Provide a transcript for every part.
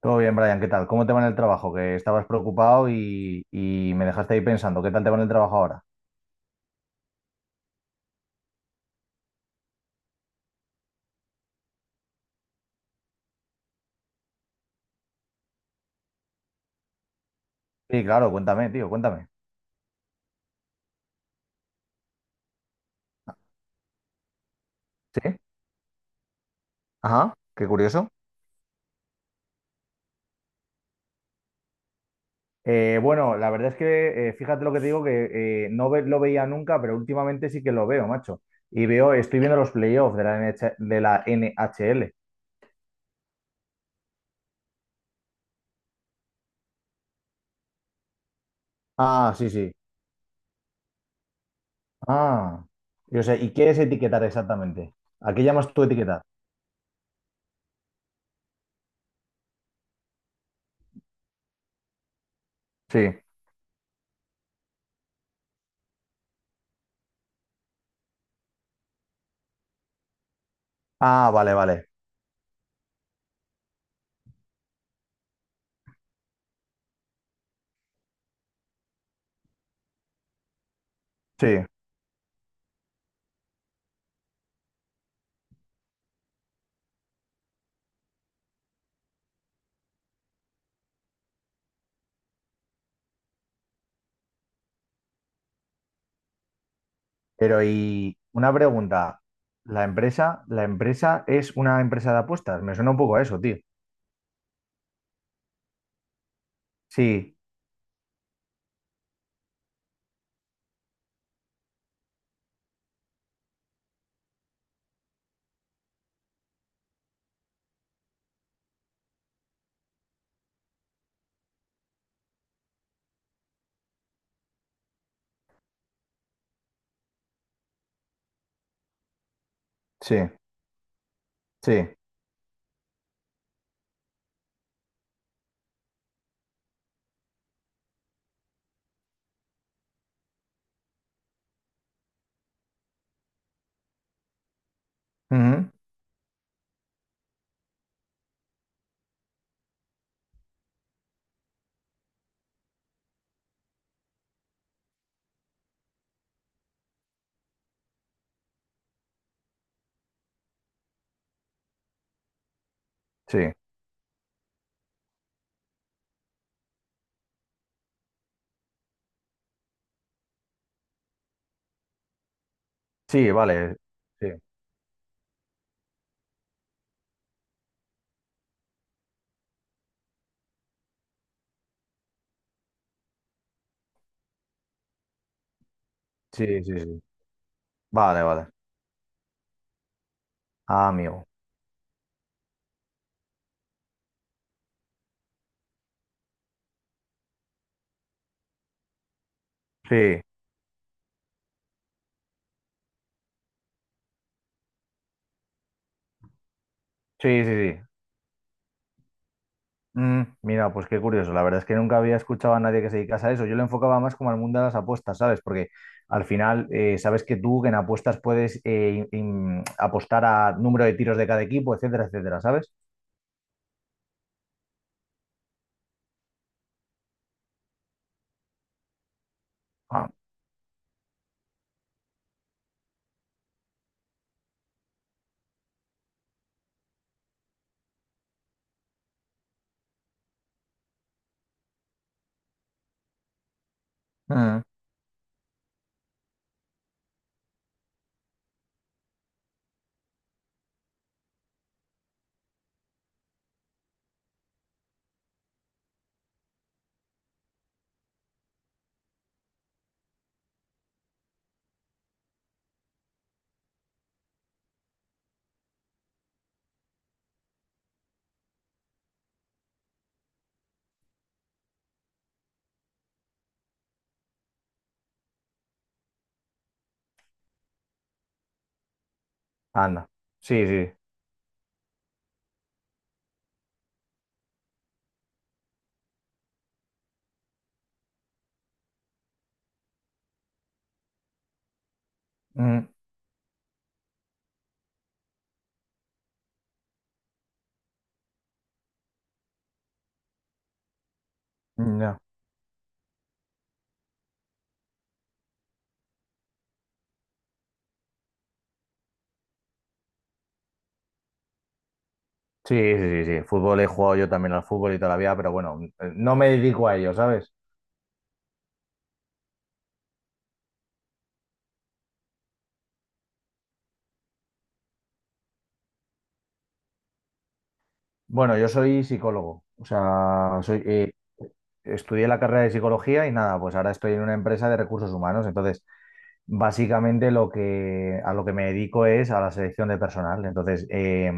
Todo bien, Brian, ¿qué tal? ¿Cómo te va en el trabajo? Que estabas preocupado y me dejaste ahí pensando. ¿Qué tal te va en el trabajo ahora? Sí, claro, cuéntame, tío, cuéntame. Sí, ajá, qué curioso. Bueno, la verdad es que fíjate lo que te digo, que lo veía nunca, pero últimamente sí que lo veo, macho. Estoy viendo los playoffs de la NH de la NHL. Ah, sí, sí. Ah, yo sé, ¿y qué es etiquetar exactamente? ¿A qué llamas tú etiquetar? Sí. Ah, vale, vale. Sí. Pero y una pregunta, la empresa es una empresa de apuestas, me suena un poco a eso, tío. Sí, sí, sí, ujú, sí, sí, vale, sí, sí, sí, sí, vale, vale, ah, amigo, sí, sí, sí, sí. Mm, mira, pues qué curioso, la verdad es que nunca había escuchado a nadie que se dedicase a eso, yo lo enfocaba más como al mundo de las apuestas, ¿sabes? Porque al final, sabes que tú en apuestas puedes apostar a número de tiros de cada equipo, etcétera, etcétera, ¿sabes? Ah. Anda. Sí, sí. Mm, ya. Sí, sí, sí, sí. Fútbol he jugado yo también al fútbol y todavía pero bueno, no me dedico a ello, ¿sabes? Bueno, yo soy psicólogo. O sea, estudié la carrera de psicología y nada, pues ahora estoy en una empresa de recursos humanos. Entonces, básicamente a lo que me dedico es a la selección de personal. Entonces,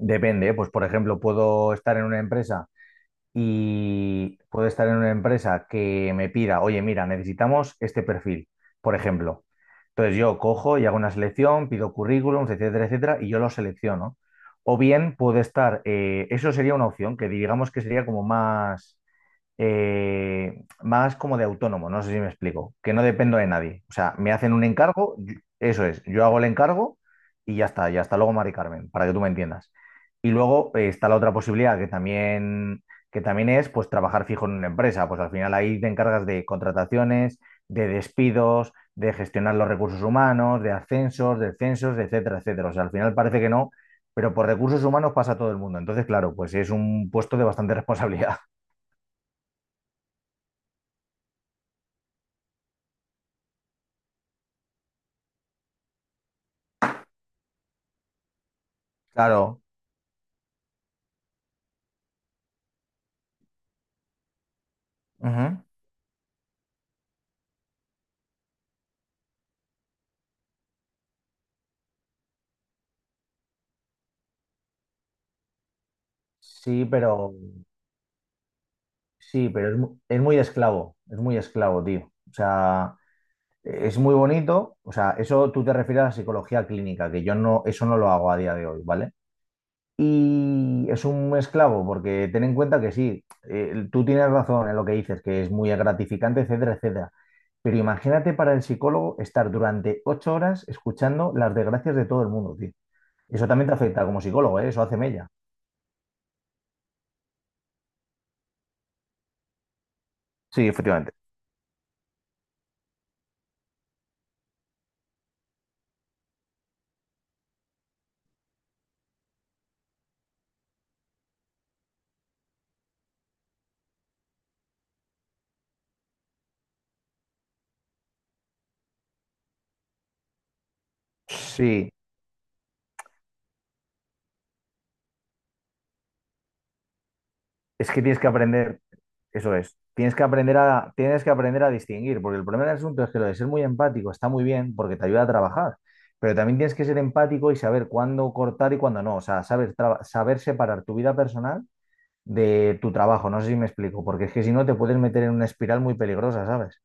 depende, ¿eh? Pues por ejemplo, puedo estar en una empresa. Y puedo estar en una empresa que me pida, oye, mira, necesitamos este perfil, por ejemplo. Entonces yo cojo y hago una selección, pido currículums, etcétera, etcétera, y yo lo selecciono. O bien puedo estar, eso sería una opción que digamos que sería como más eh, más como de autónomo, no sé si me explico, que no dependo de nadie. O sea, me hacen un encargo, eso es, yo hago el encargo y ya está, y hasta luego, Mari Carmen, para que tú me entiendas. Y luego está la otra posibilidad que también es pues trabajar fijo en una empresa. Pues al final ahí te encargas de contrataciones, de despidos, de gestionar los recursos humanos, de ascensos, descensos, etcétera, etcétera. O sea, al final parece que no. Pero por recursos humanos pasa todo el mundo. Entonces, claro, pues es un puesto de bastante responsabilidad. Claro. Ujú. Sí, pero sí, pero es muy esclavo, tío. O sea, es muy bonito. O sea, eso tú te refieres a la psicología clínica, que yo no, eso no lo hago a día de hoy, ¿vale? Y es un esclavo, porque ten en cuenta que sí, tú tienes razón en lo que dices, que es muy gratificante, etcétera, etcétera. Pero imagínate para el psicólogo estar durante ocho horas escuchando las desgracias de todo el mundo, tío. Eso también te afecta como psicólogo, ¿eh? Eso hace mella. Sí, efectivamente. Sí. Es que tienes que aprender, Eso es, tienes que aprender a, tienes que aprender a distinguir, porque el problema del asunto es que lo de ser muy empático está muy bien porque te ayuda a trabajar, pero también tienes que ser empático y saber cuándo cortar y cuándo no, o sea, saber separar tu vida personal de tu trabajo, no sé si me explico, porque es que si no te puedes meter en una espiral muy peligrosa, ¿sabes?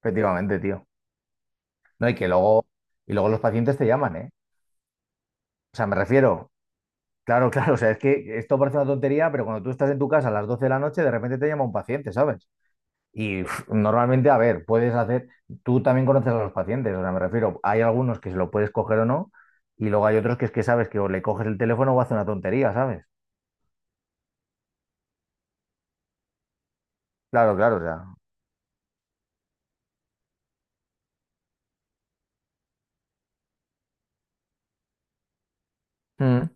Efectivamente, tío. No, y que luego, Y luego los pacientes te llaman, ¿eh? O sea, me refiero, claro, claro, o sea, es que esto parece una tontería, pero cuando tú estás en tu casa a las 12 de la noche, de repente te llama un paciente, ¿sabes? Y uf, normalmente, a ver, tú también conoces a los pacientes, o sea, me refiero, hay algunos que se lo puedes coger o no, y luego hay otros que es que sabes que o le coges el teléfono o hace una tontería, ¿sabes? Claro, claro, o sea. Mm.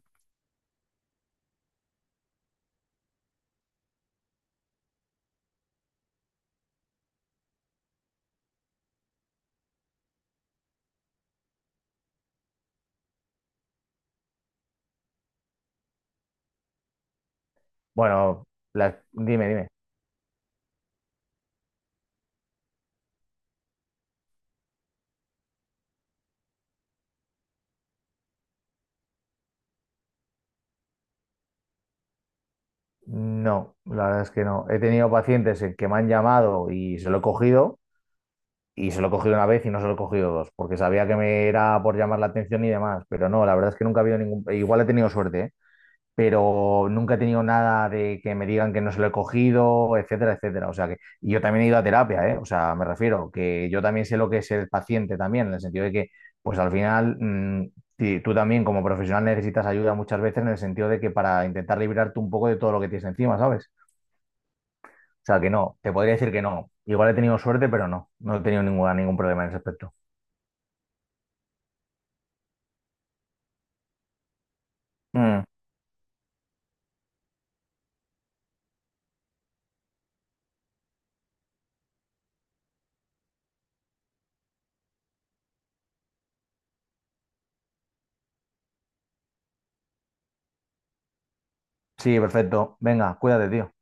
Bueno, dime, dime. No, la verdad es que no. He tenido pacientes en que me han llamado y se lo he cogido, y se lo he cogido una vez y no se lo he cogido dos, porque sabía que me era por llamar la atención y demás, pero no, la verdad es que nunca ha habido ningún... Igual he tenido suerte, ¿eh? Pero nunca he tenido nada de que me digan que no se lo he cogido, etcétera, etcétera. O sea que y yo también he ido a terapia, ¿eh? O sea, me refiero que yo también sé lo que es el paciente también, en el sentido de que, pues al final, tú también como profesional necesitas ayuda muchas veces en el sentido de que para intentar librarte un poco de todo lo que tienes encima, ¿sabes? O sea que no, te podría decir que no. Igual he tenido suerte, pero no, he tenido ninguna, ningún problema en ese aspecto. Mm, sí, perfecto. Venga, cuídate, tío.